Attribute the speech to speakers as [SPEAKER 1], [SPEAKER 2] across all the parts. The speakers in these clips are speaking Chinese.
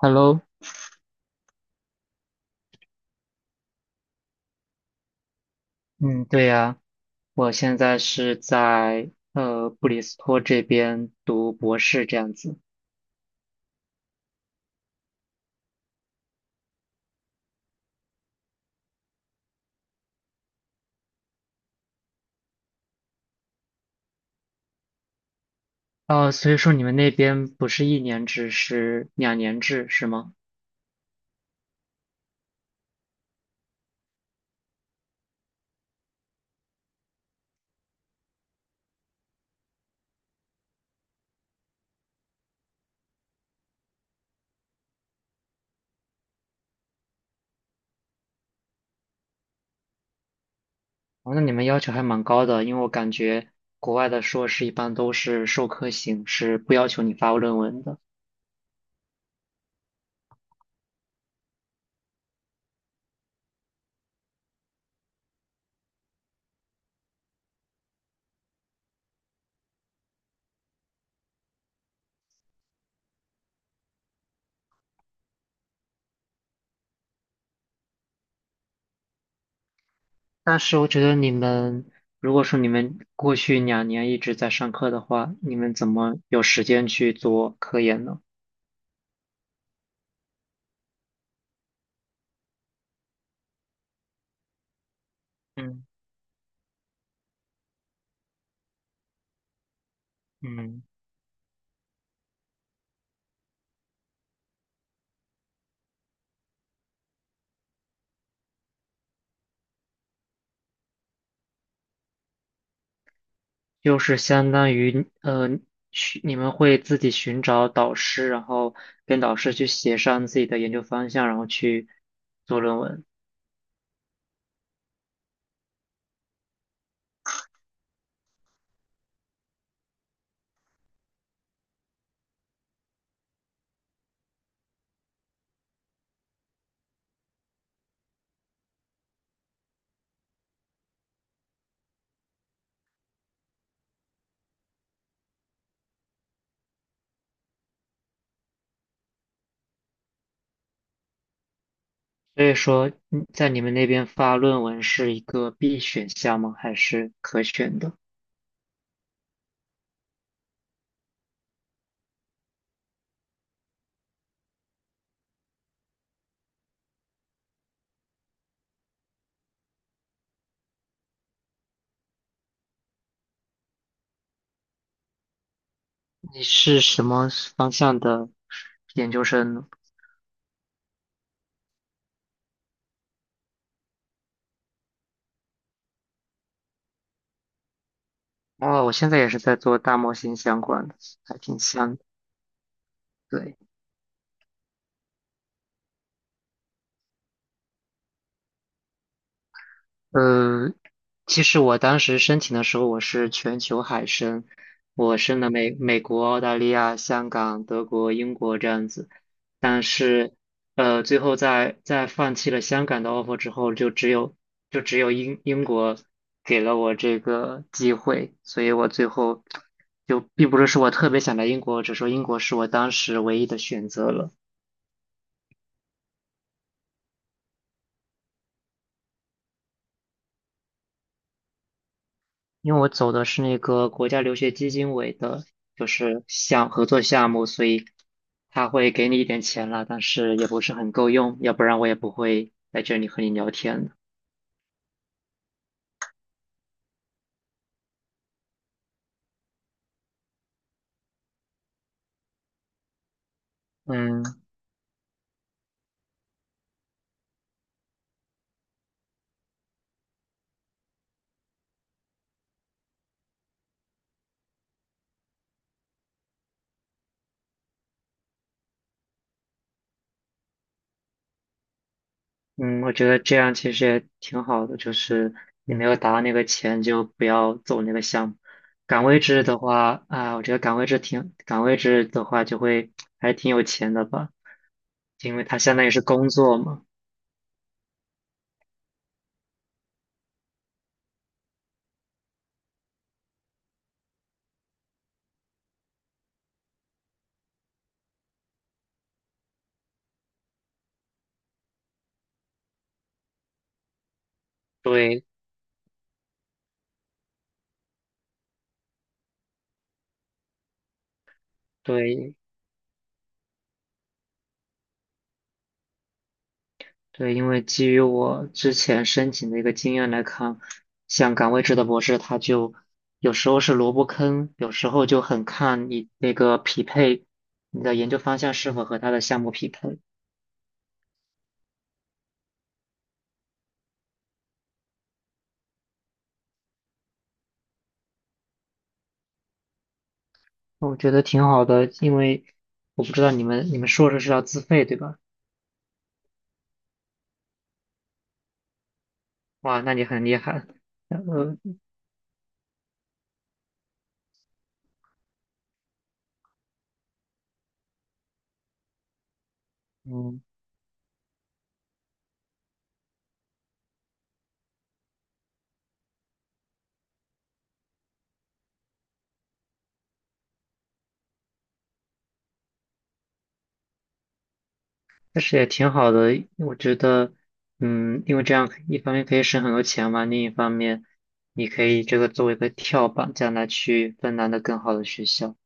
[SPEAKER 1] Hello。嗯，对呀，我现在是在布里斯托这边读博士这样子。哦，所以说你们那边不是1年制，是2年制，是吗？哦，那你们要求还蛮高的，因为我感觉国外的硕士一般都是授课型，是不要求你发论文的。但是我觉得你们，如果说你们过去2年一直在上课的话，你们怎么有时间去做科研呢？嗯嗯。就是相当于你们会自己寻找导师，然后跟导师去协商自己的研究方向，然后去做论文。所以说，在你们那边发论文是一个必选项吗？还是可选的？你是什么方向的研究生呢？哦，我现在也是在做大模型相关的，还挺像的。对。嗯，其实我当时申请的时候，我是全球海申，我申了美国、澳大利亚、香港、德国、英国这样子，但是最后在放弃了香港的 offer 之后，就只有英国给了我这个机会，所以我最后就并不是说我特别想来英国，只是说英国是我当时唯一的选择了。因为我走的是那个国家留学基金委的，就是项合作项目，所以他会给你一点钱了，但是也不是很够用，要不然我也不会在这里和你聊天的。嗯嗯，我觉得这样其实也挺好的，就是你没有达到那个钱就不要走那个项目。岗位制的话啊，我觉得岗位制挺岗位制的话就会还挺有钱的吧，因为他相当于是工作嘛。对对，对，因为基于我之前申请的一个经验来看，像岗位制的博士，他就有时候是萝卜坑，有时候就很看你那个匹配，你的研究方向是否和他的项目匹配。我觉得挺好的，因为我不知道你们硕士是要自费对吧？哇，那你很厉害。呃，嗯。但是也挺好的，因为我觉得，因为这样一方面可以省很多钱嘛，另一方面你可以这个作为一个跳板，将来去芬兰的更好的学校。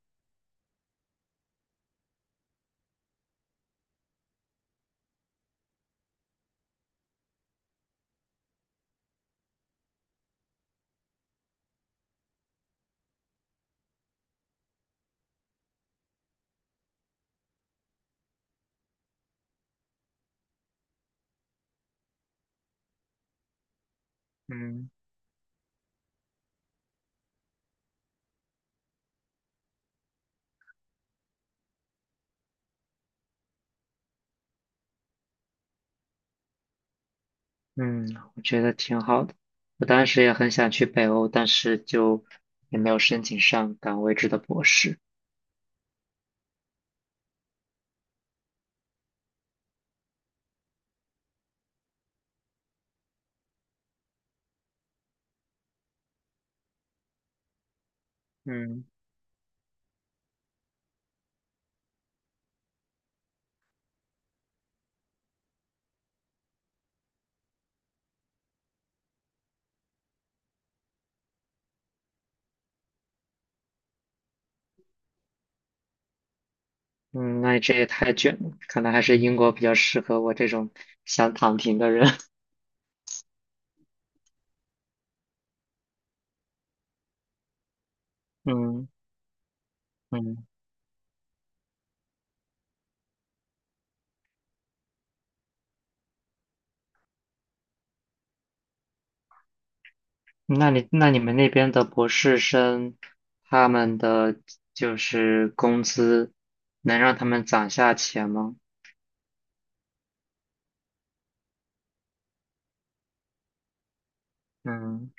[SPEAKER 1] 嗯嗯，我觉得挺好的。我当时也很想去北欧，但是就也没有申请上岗位制的博士。嗯嗯，那这也太卷了，可能还是英国比较适合我这种想躺平的人。嗯嗯。那你们那边的博士生，他们的就是工资能让他们攒下钱吗？嗯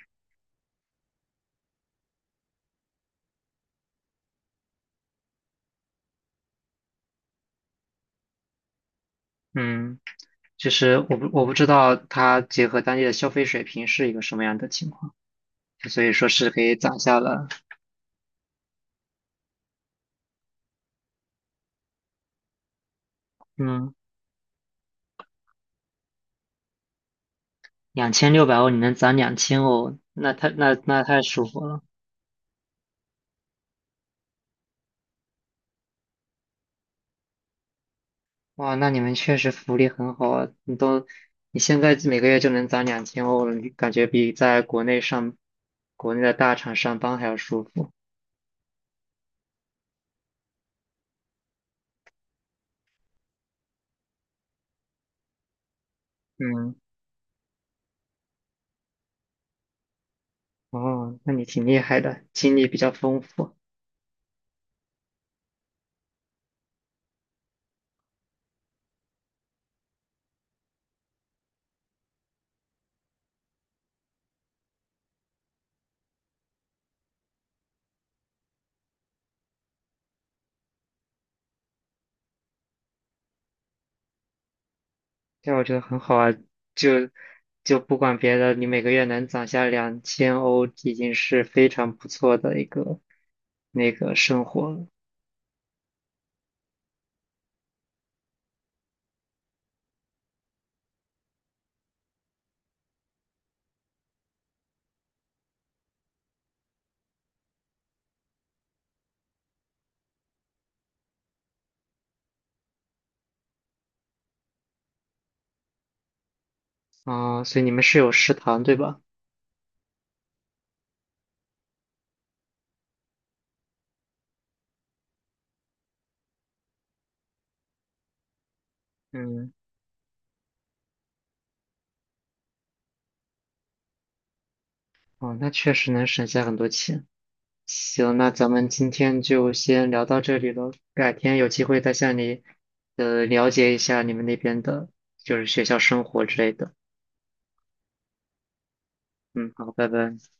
[SPEAKER 1] 嗯，就是我不知道他结合当地的消费水平是一个什么样的情况，所以说是可以攒下了，嗯，2600欧你能攒两千欧，那太舒服了。哇，那你们确实福利很好啊！你现在每个月就能攒两千欧了，你感觉比在国内上，国内的大厂上班还要舒服。嗯，哦，那你挺厉害的，经历比较丰富，这我觉得很好啊。就就不管别的，你每个月能攒下两千欧，已经是非常不错的一个那个生活了。哦，所以你们是有食堂对吧？嗯，哦，那确实能省下很多钱。行，那咱们今天就先聊到这里了，改天有机会再向你了解一下你们那边的，就是学校生活之类的。嗯，好，拜拜。